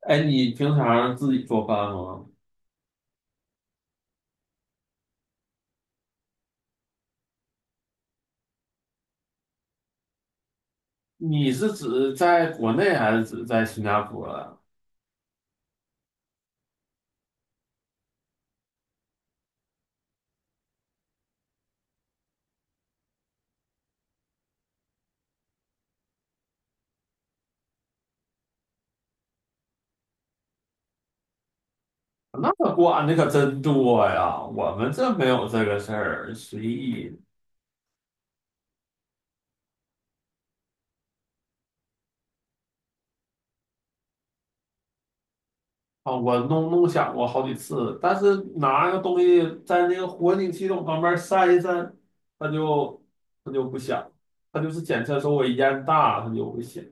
哎，你平常自己做饭吗？你是指在国内还是指在新加坡呀？那管的可真多呀，我们这没有这个事儿，随意啊。我弄响过好几次，但是拿个东西在那个火警系统旁边扇一扇，它就不响，它就是检测说我烟大，它就不响。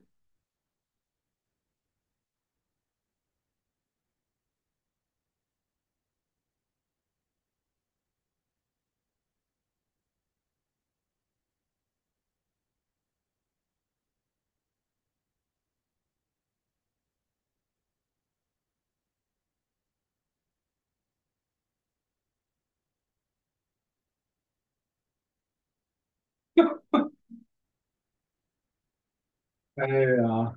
哎呀，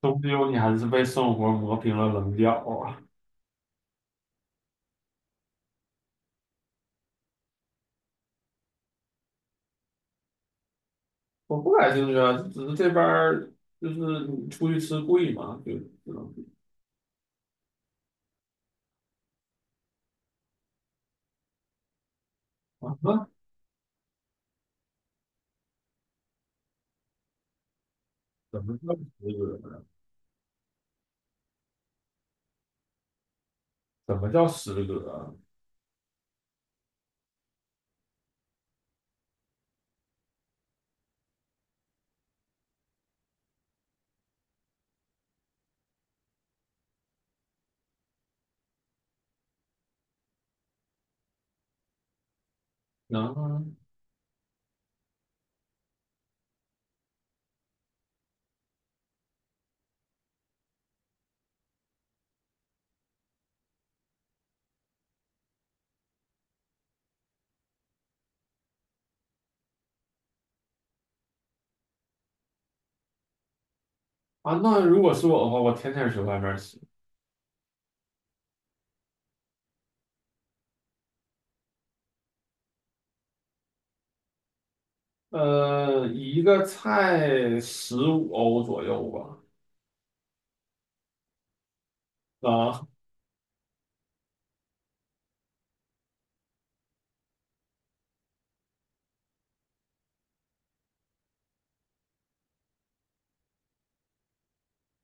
终究你还是被生活磨平了棱角啊。我不感兴趣啊，只是这边儿就是你出去吃贵嘛，就只能啊。那怎么叫食阁呢？怎么叫食阁啊？能啊，那如果是我的话，我天天去外面吃。一个菜15欧左右吧。啊，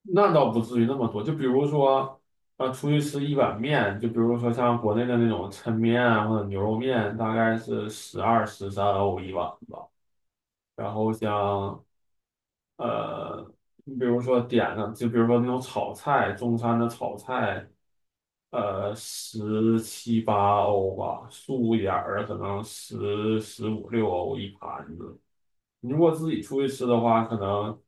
那倒不至于那么多，就比如说。啊，出去吃一碗面，就比如说像国内的那种抻面啊或者牛肉面，大概是12、13欧一碗吧。然后像呃，你比如说点上，就比如说那种炒菜，中餐的炒菜，十七八欧吧，素一点儿的可能15、16欧一盘子。你如果自己出去吃的话，可能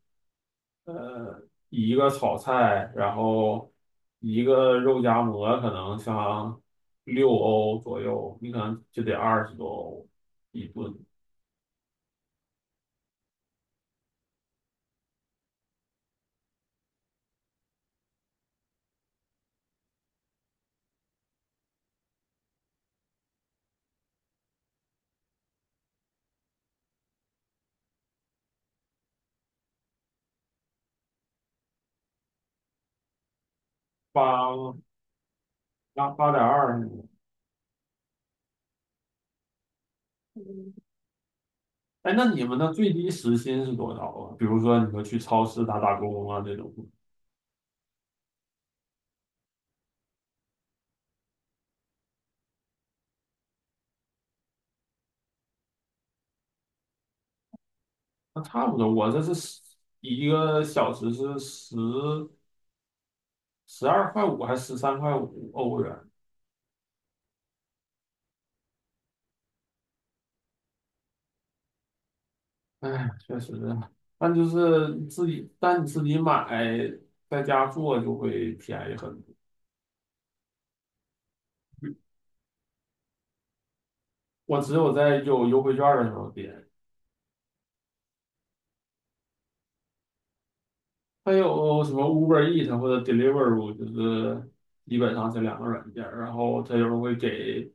一个炒菜，然后一个肉夹馍，可能像六欧左右，你可能就得20多欧一顿。八8.2。哎，那你们的最低时薪是多少啊？比如说你说去超市打打工啊这种。那差不多。我这是一个小时是12块5还是13块5欧元？哎，确实，但就是自己，但你自己买，在家做就会便宜很多。我只有在有优惠券的时候点。还有什么 Uber Eat 或者 d e l i v e r o 就是基本上这两个软件儿，然后它有时候会给。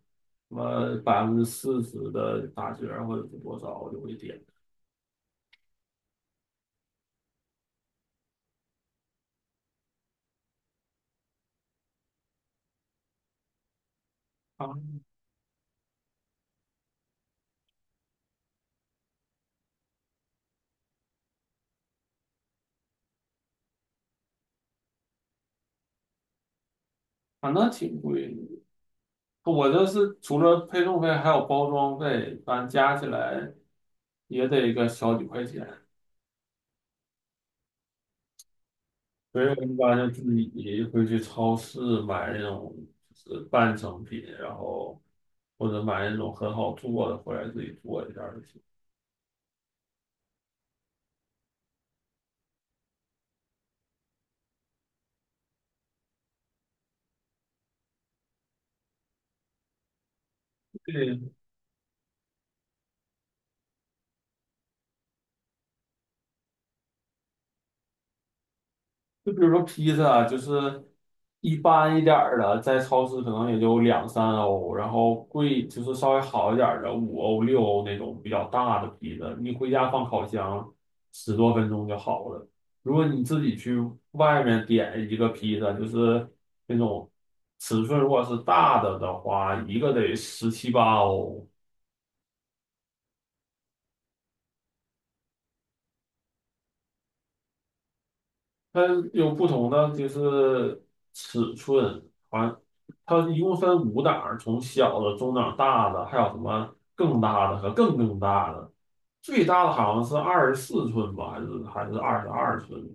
什么40%的打折或者是多少，我就会点啊。反正挺贵的。我这是除了配送费还有包装费，反正加起来也得个小几块钱。所以我一般就自己会去超市买那种就是半成品，然后或者买那种很好做的回来自己做一下就行。对，就比如说披萨啊就是一般一点儿的，在超市可能也就2、3欧，然后贵就是稍微好一点儿的5欧6欧那种比较大的披萨，你回家放烤箱10多分钟就好了。如果你自己去外面点一个披萨，就是那种尺寸如果是大的的话，一个得十七八欧。它有不同的就是尺寸。啊，它一共分5档儿从小的、中档、大的，还有什么更大的和更更大的。最大的好像是24寸吧，还是22寸。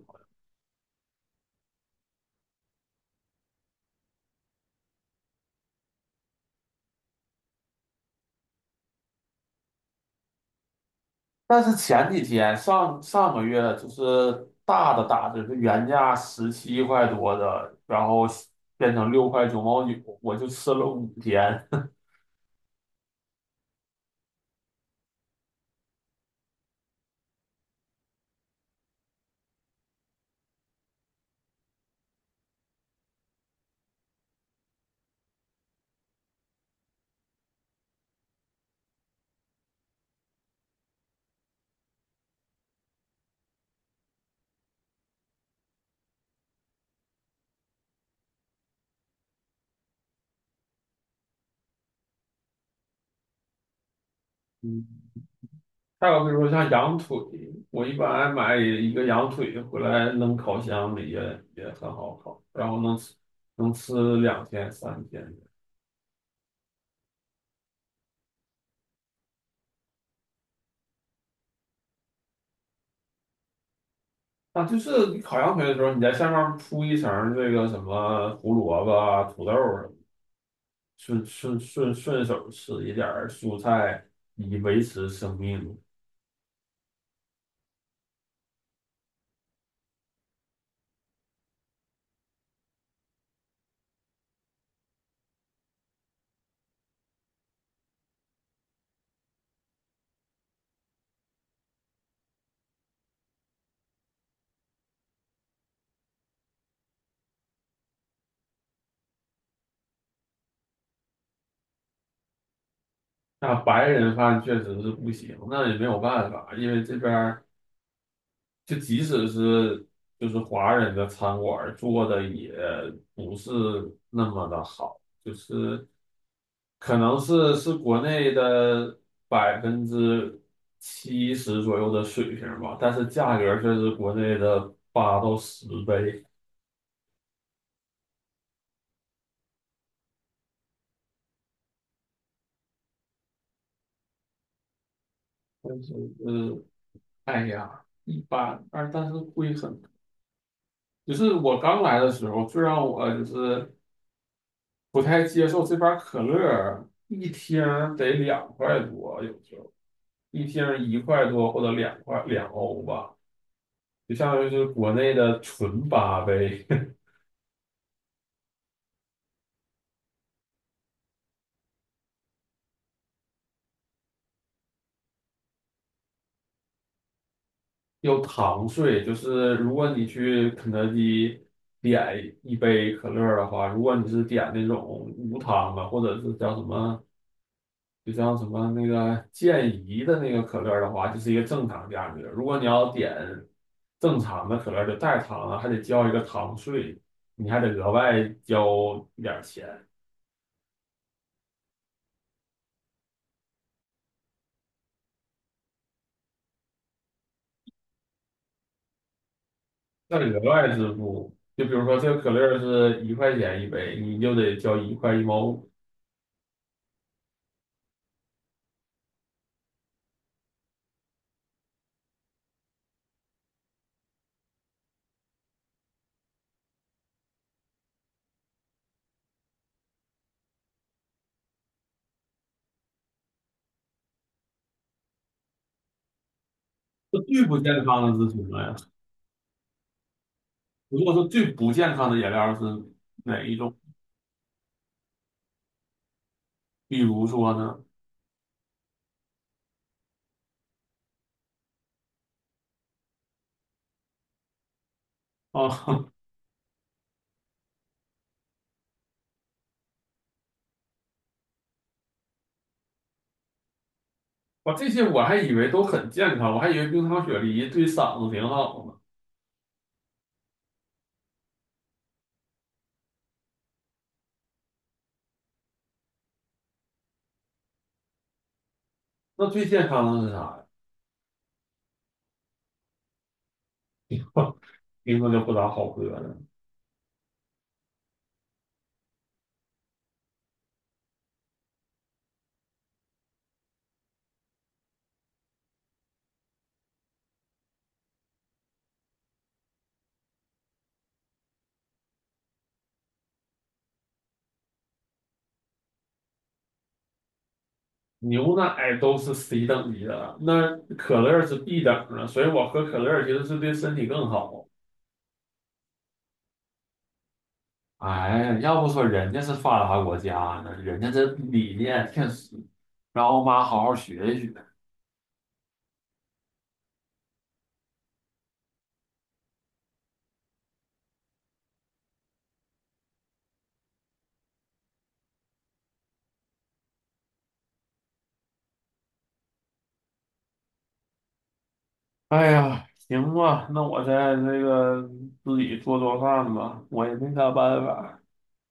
但是前几天上上个月就是大的打折，是原价17块多的，然后变成6块9毛9，我就吃了5天。还有比如说像羊腿，我一般买一个羊腿回来扔烤箱里也很好烤，然后能吃2天3天。啊，就是你烤羊腿的时候，你在下面铺一层这个什么胡萝卜啊、土豆儿什么顺手吃一点儿蔬菜，以维持生命。那白人饭确实是不行，那也没有办法，因为这边。就即使是就是华人的餐馆儿做的也不是那么的好，就是可能是国内的70%左右的水平吧，但是价格却是国内的8到10倍。但是呃，哎呀，一般，但是贵很多。就是我刚来的时候，最让我就是不太接受这边儿可乐一听儿得2块多，有时候。一天1块多或者2块2欧吧，就相当于是国内的纯八杯。又糖税。就是如果你去肯德基点一杯可乐的话，如果你是点那种无糖的，或者是叫什么，就像什么那个健怡的那个可乐的话，就是一个正常价格。如果你要点正常的可乐，就带糖的，还得交一个糖税，你还得额外交一点钱。那额外支付，就比如说这个可乐儿是1块钱一杯，你就得交1块1毛5。这最不健康的是什么呀？如果说最不健康的饮料是哪一种？比如说呢？啊、我这些我还以为都很健康，我还以为冰糖雪梨对嗓子挺好呢。那最健康的是啥呀？听着就不咋好喝了。牛奶都是 C 等级的，那可乐是 B 等的，所以我喝可乐其实是对身体更好。哎，要不说人家是发达国家呢，人家这理念确实，让我妈好好学一学。哎呀，行吧，那我再那个自己做做饭吧，我也没啥办法。